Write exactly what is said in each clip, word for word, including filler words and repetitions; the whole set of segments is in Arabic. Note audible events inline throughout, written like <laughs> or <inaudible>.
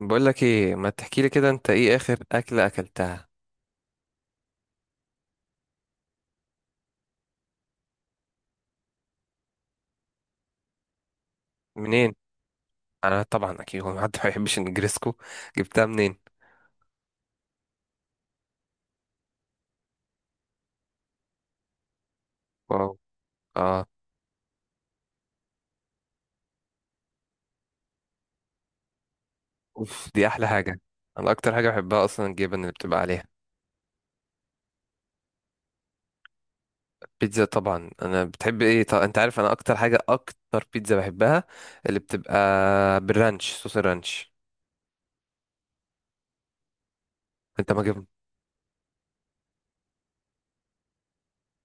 بقول لك ايه، ما تحكي لي كده؟ انت ايه اخر اكله اكلتها منين؟ انا طبعا اكيد هو حد <laughs> ما يحبش النجريسكو؟ جبتها منين؟ واو. اه. اوف، دي احلى حاجه. انا اكتر حاجه بحبها اصلا الجبن اللي بتبقى عليها. بيتزا طبعا. انا بتحب ايه؟ طب انت عارف انا اكتر حاجه، اكتر بيتزا بحبها اللي بتبقى بالرانش، صوص الرانش. انت ما جبت،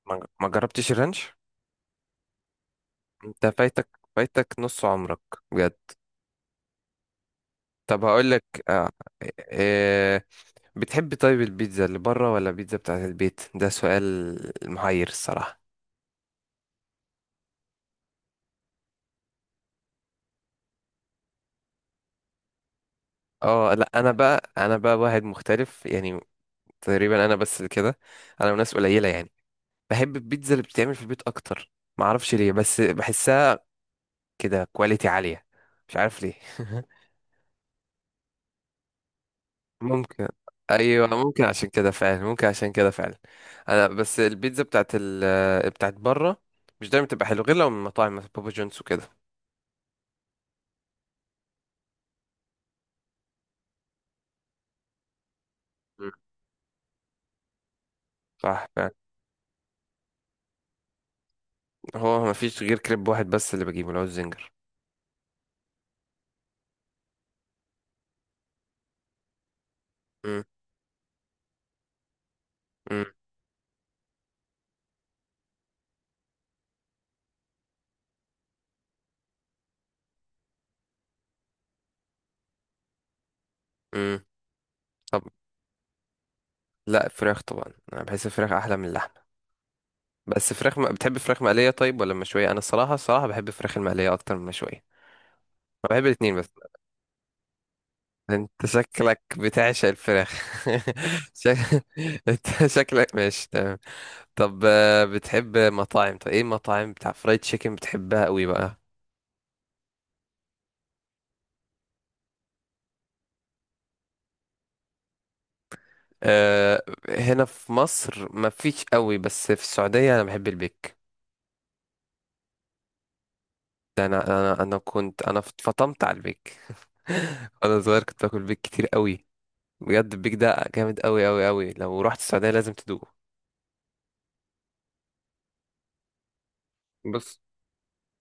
ما ما جربتش الرانش. انت فايتك فايتك نص عمرك. بجد. طب هقول لك. آه، إيه، بتحب طيب البيتزا اللي بره ولا البيتزا بتاعت البيت؟ ده سؤال محير الصراحة. اه، لا، انا بقى انا بقى واحد مختلف يعني. تقريبا انا بس اللي كده. انا وناس قليلة يعني، بحب البيتزا اللي بتتعمل في البيت اكتر. معرفش ليه، بس بحسها كده كواليتي عالية. مش عارف ليه. <laughs> ممكن. ايوه ممكن عشان كده فعلا، ممكن عشان كده فعلا. انا بس البيتزا بتاعت ال بتاعت بره مش دايما بتبقى حلوه، غير لو من مطاعم مثلا بابا جونز وكده. مم. صح فعلا. هو مفيش غير كريب واحد بس اللي بجيبه، اللي هو الزنجر. مم. مم. مم. طب. لا، فراخ طبعا. انا بحس الفراخ احلى من اللحمه. بس فراخ م... بتحب فراخ مقليه طيب ولا مشويه؟ انا الصراحه الصراحه بحب الفراخ المقليه اكتر من المشويه. انا بحب الاثنين بس. انت شكلك بتعشق الفراخ. <laughs> شك... انت شكلك ماشي تمام. طب آه، بتحب مطاعم؟ طب ايه المطاعم بتاع فرايد تشيكن بتحبها قوي بقى؟ أه. هنا في مصر مفيش قوي، بس في السعوديه انا بحب البيك. ده انا انا انا كنت انا فطمت على البيك. <laughs> وانا صغير كنت باكل بيك كتير قوي. بجد البيك ده جامد قوي قوي قوي. لو رحت السعوديه لازم تدوقه. بص.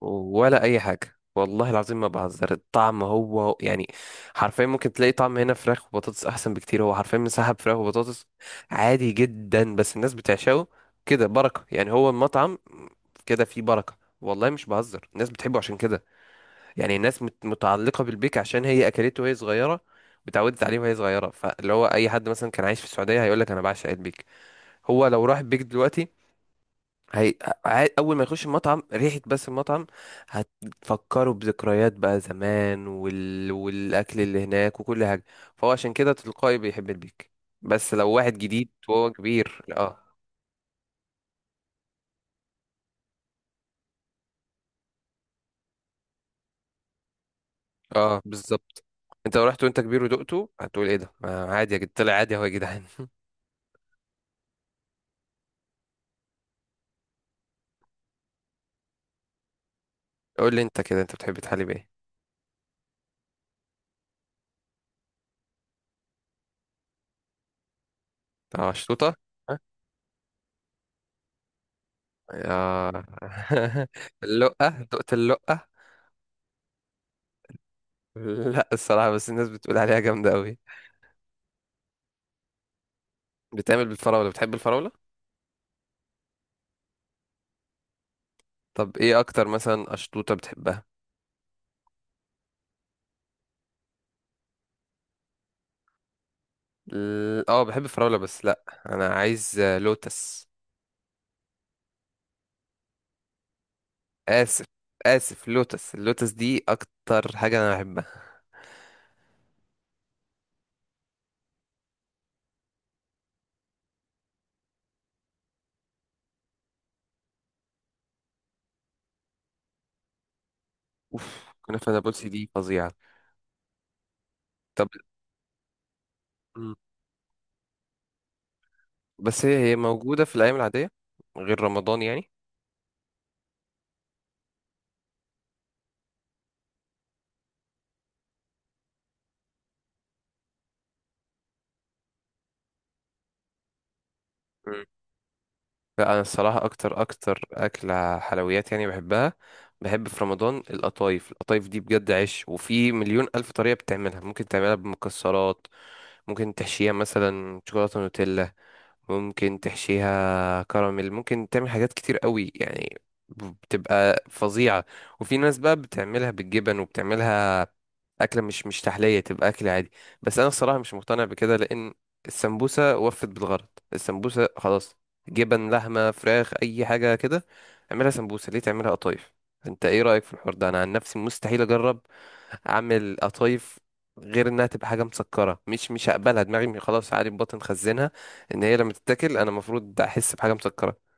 ولا اي حاجه، والله العظيم ما بهزر. الطعم هو هو- يعني حرفيا ممكن تلاقي طعم هنا فراخ وبطاطس احسن بكتير. هو حرفيا مسحب فراخ وبطاطس عادي جدا، بس الناس بتعشقه كده. بركه يعني، هو المطعم كده فيه بركه. والله مش بهزر، الناس بتحبه عشان كده. يعني الناس مت- متعلقة بالبيك عشان هي أكلته وهي صغيرة وتعودت عليه وهي صغيرة. فاللي هو أي حد مثلا كان عايش في السعودية هيقولك أنا بعشق البيك. هو لو راح البيك دلوقتي هي... ع- أول ما يخش المطعم، ريحة بس المطعم هتفكره بذكريات بقى زمان وال... والأكل اللي هناك وكل حاجة. فهو عشان كده تلقائي بيحب البيك. بس لو واحد جديد وهو كبير. اه. اه، بالظبط. انت لو رحت وانت كبير ودقته هتقول: ايه ده؟ ما عادي يا جد، طلع عادي هو يا جدعان. <laughs> قول لي انت كده، انت بتحب تحلي بايه؟ اه، شطوطة. ها؟ اه. <laughs> اللقة، دقت اللقة؟ لا، الصراحة بس الناس بتقول عليها جامدة قوي. بتعمل بالفراولة؟ بتحب الفراولة؟ طب ايه اكتر مثلا اشطوطة بتحبها؟ ال- اه بحب الفراولة، بس لا. انا عايز آه، لوتس. اسف. اسف، لوتس. اللوتس دي اكتر حاجة انا بحبها. اوف، كنافة نابلسي دي فظيعة. طب. مم. بس هي هي موجودة في الايام العادية غير رمضان يعني؟ لا، انا الصراحه اكتر اكتر اكله حلويات يعني بحبها. بحب في رمضان القطايف. القطايف دي بجد عيش، وفي مليون الف طريقه بتعملها. ممكن تعملها بمكسرات، ممكن تحشيها مثلا شوكولاته نوتيلا، ممكن تحشيها كراميل، ممكن تعمل حاجات كتير قوي يعني. بتبقى فظيعة. وفي ناس بقى بتعملها بالجبن وبتعملها أكلة مش مش تحلية، تبقى أكل عادي. بس أنا الصراحة مش مقتنع بكده، لأن السمبوسة وفت بالغرض. السمبوسة خلاص. جبن، لحمة، فراخ، أي حاجة كده، اعملها سمبوسة. ليه تعملها قطايف؟ أنت إيه رأيك في الحوار ده؟ أنا عن نفسي مستحيل أجرب أعمل قطايف، غير إنها تبقى حاجة مسكرة مش مش هقبلها دماغي خلاص. عادي، بطن خزنها، ان هي لما تتاكل انا المفروض احس بحاجه مسكره.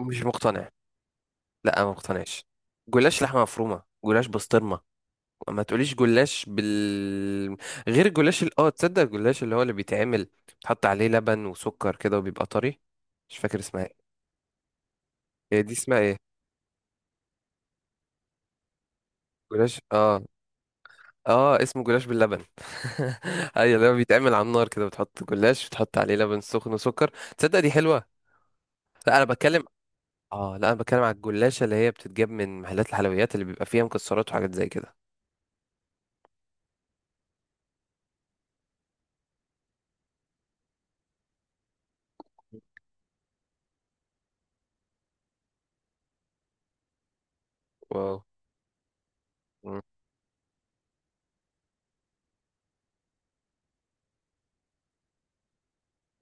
مش مقتنع. لا، انا ما مقتنعش. جلاش لحمه مفرومه، جلاش بسطرمه. ما تقوليش جلاش بال غير الجلاش ال- اه تصدق الجلاش اللي هو اللي بيتعمل بيتحط عليه لبن وسكر كده وبيبقى طري. مش فاكر اسمها ايه. هي دي اسمها ايه؟ جلاش، اه. اه، اسمه جلاش باللبن. <laughs> ايوه، اللي هو بيتعمل على النار كده، بتحط جلاش بتحط عليه لبن سخن وسكر. تصدق دي حلوه. لا، انا بتكلم. اه، لا، انا بتكلم على الجلاشة اللي هي بتتجاب من محلات الحلويات، اللي بيبقى فيها مكسرات وحاجات زي كده. واو. مم.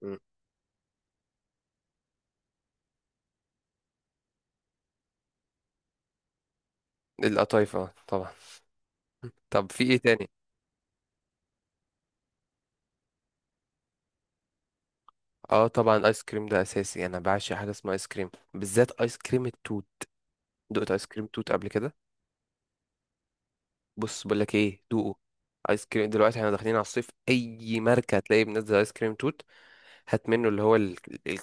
مم. القطايف اه طبعا. <laughs> طب في ايه تاني؟ اه طبعا، ايس كريم ده اساسي. انا بعشق حاجه اسمها ايس كريم، بالذات ايس كريم التوت. دقت ايس كريم توت قبل كده؟ بص بقول لك ايه، دوقه. ايس كريم دلوقتي احنا داخلين على الصيف، اي ماركه هتلاقيه منزل ايس كريم توت. هات منه اللي هو ال... ال...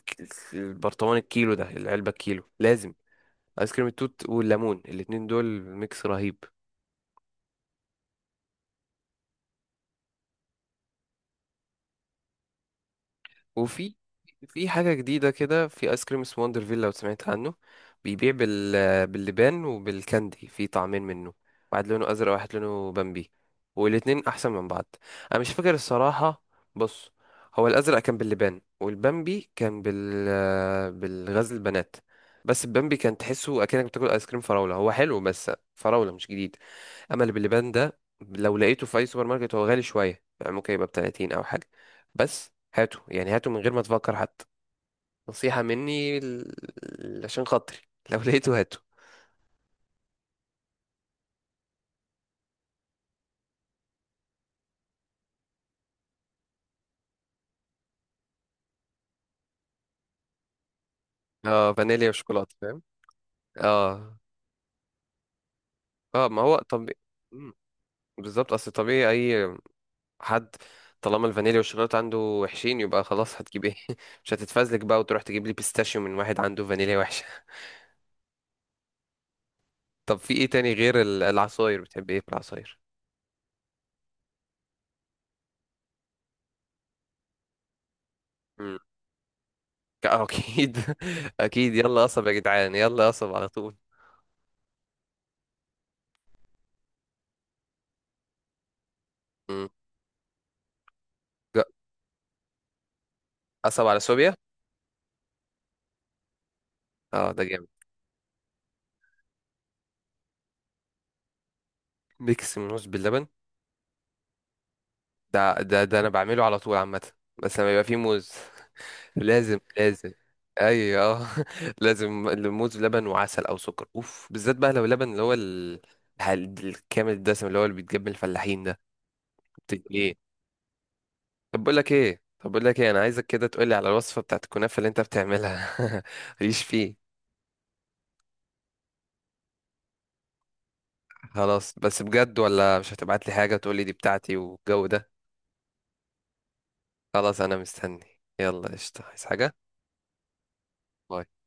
البرطمان الكيلو ده، العلبه الكيلو لازم. ايس كريم التوت والليمون، الاتنين دول ميكس رهيب. وفي في حاجة جديدة كده، في ايس كريم اسمه وندرفيل لو سمعت عنه. بيبيع بال... باللبان وبالكاندي، في طعمين منه. واحد لونه ازرق، واحد لونه بامبي. والاتنين احسن من بعض. انا مش فاكر الصراحة. بص، هو الازرق كان باللبان، والبامبي كان بال بالغزل البنات. بس البامبي كان تحسه اكنك بتاكل ايس كريم فراولة، هو حلو بس فراولة مش جديد. اما اللي باللبان ده لو لقيته في اي سوبر ماركت، هو غالي شويه يعني ممكن يبقى ب تلاتين او حاجه. بس هاته، يعني هاته من غير ما تفكر حتى. نصيحه مني ل- عشان خاطري. <laughs> لو لقيته هاته. اه، فانيليا وشوكولاته، فاهم. اه، اه، ما هو طبيعي. بالظبط، اصل طبيعي. اي حد، طالما الفانيليا والشوكولاته عنده وحشين، يبقى خلاص هتجيب ايه؟ <laughs> مش هتتفزلك بقى وتروح تجيب لي بيستاشيو من واحد عنده فانيليا وحشه. <laughs> طب في ايه تاني؟ غير ال- العصاير بتحب ايه في العصاير؟ اكيد. <laughs> اكيد، يلا قصب يا جدعان، يلا قصب على طول. مم. ج- قصب على سوبيا. اه، ده جامد. ميكس من موز باللبن. ده ده ده انا بعمله على طول عامه. بس لما يبقى فيه موز. <laughs> لازم لازم. ايوه آه. <laughs> لازم الموز بلبن وعسل او سكر. اوف، بالذات بقى لو لبن اللي هو ال- الح- الكامل الدسم، اللي هو اللي بيتجاب من الفلاحين ده. بت- ايه؟ طب بقول لك ايه طب بقول لك ايه انا عايزك كده تقول لي على الوصفه بتاعت الكنافه اللي انت بتعملها. <laughs> ماليش فيه. خلاص، بس بجد ولا مش هتبعت لي حاجة تقول لي دي بتاعتي والجو ده؟ خلاص انا مستني. يلا قشطة، عايز حاجة؟ باي.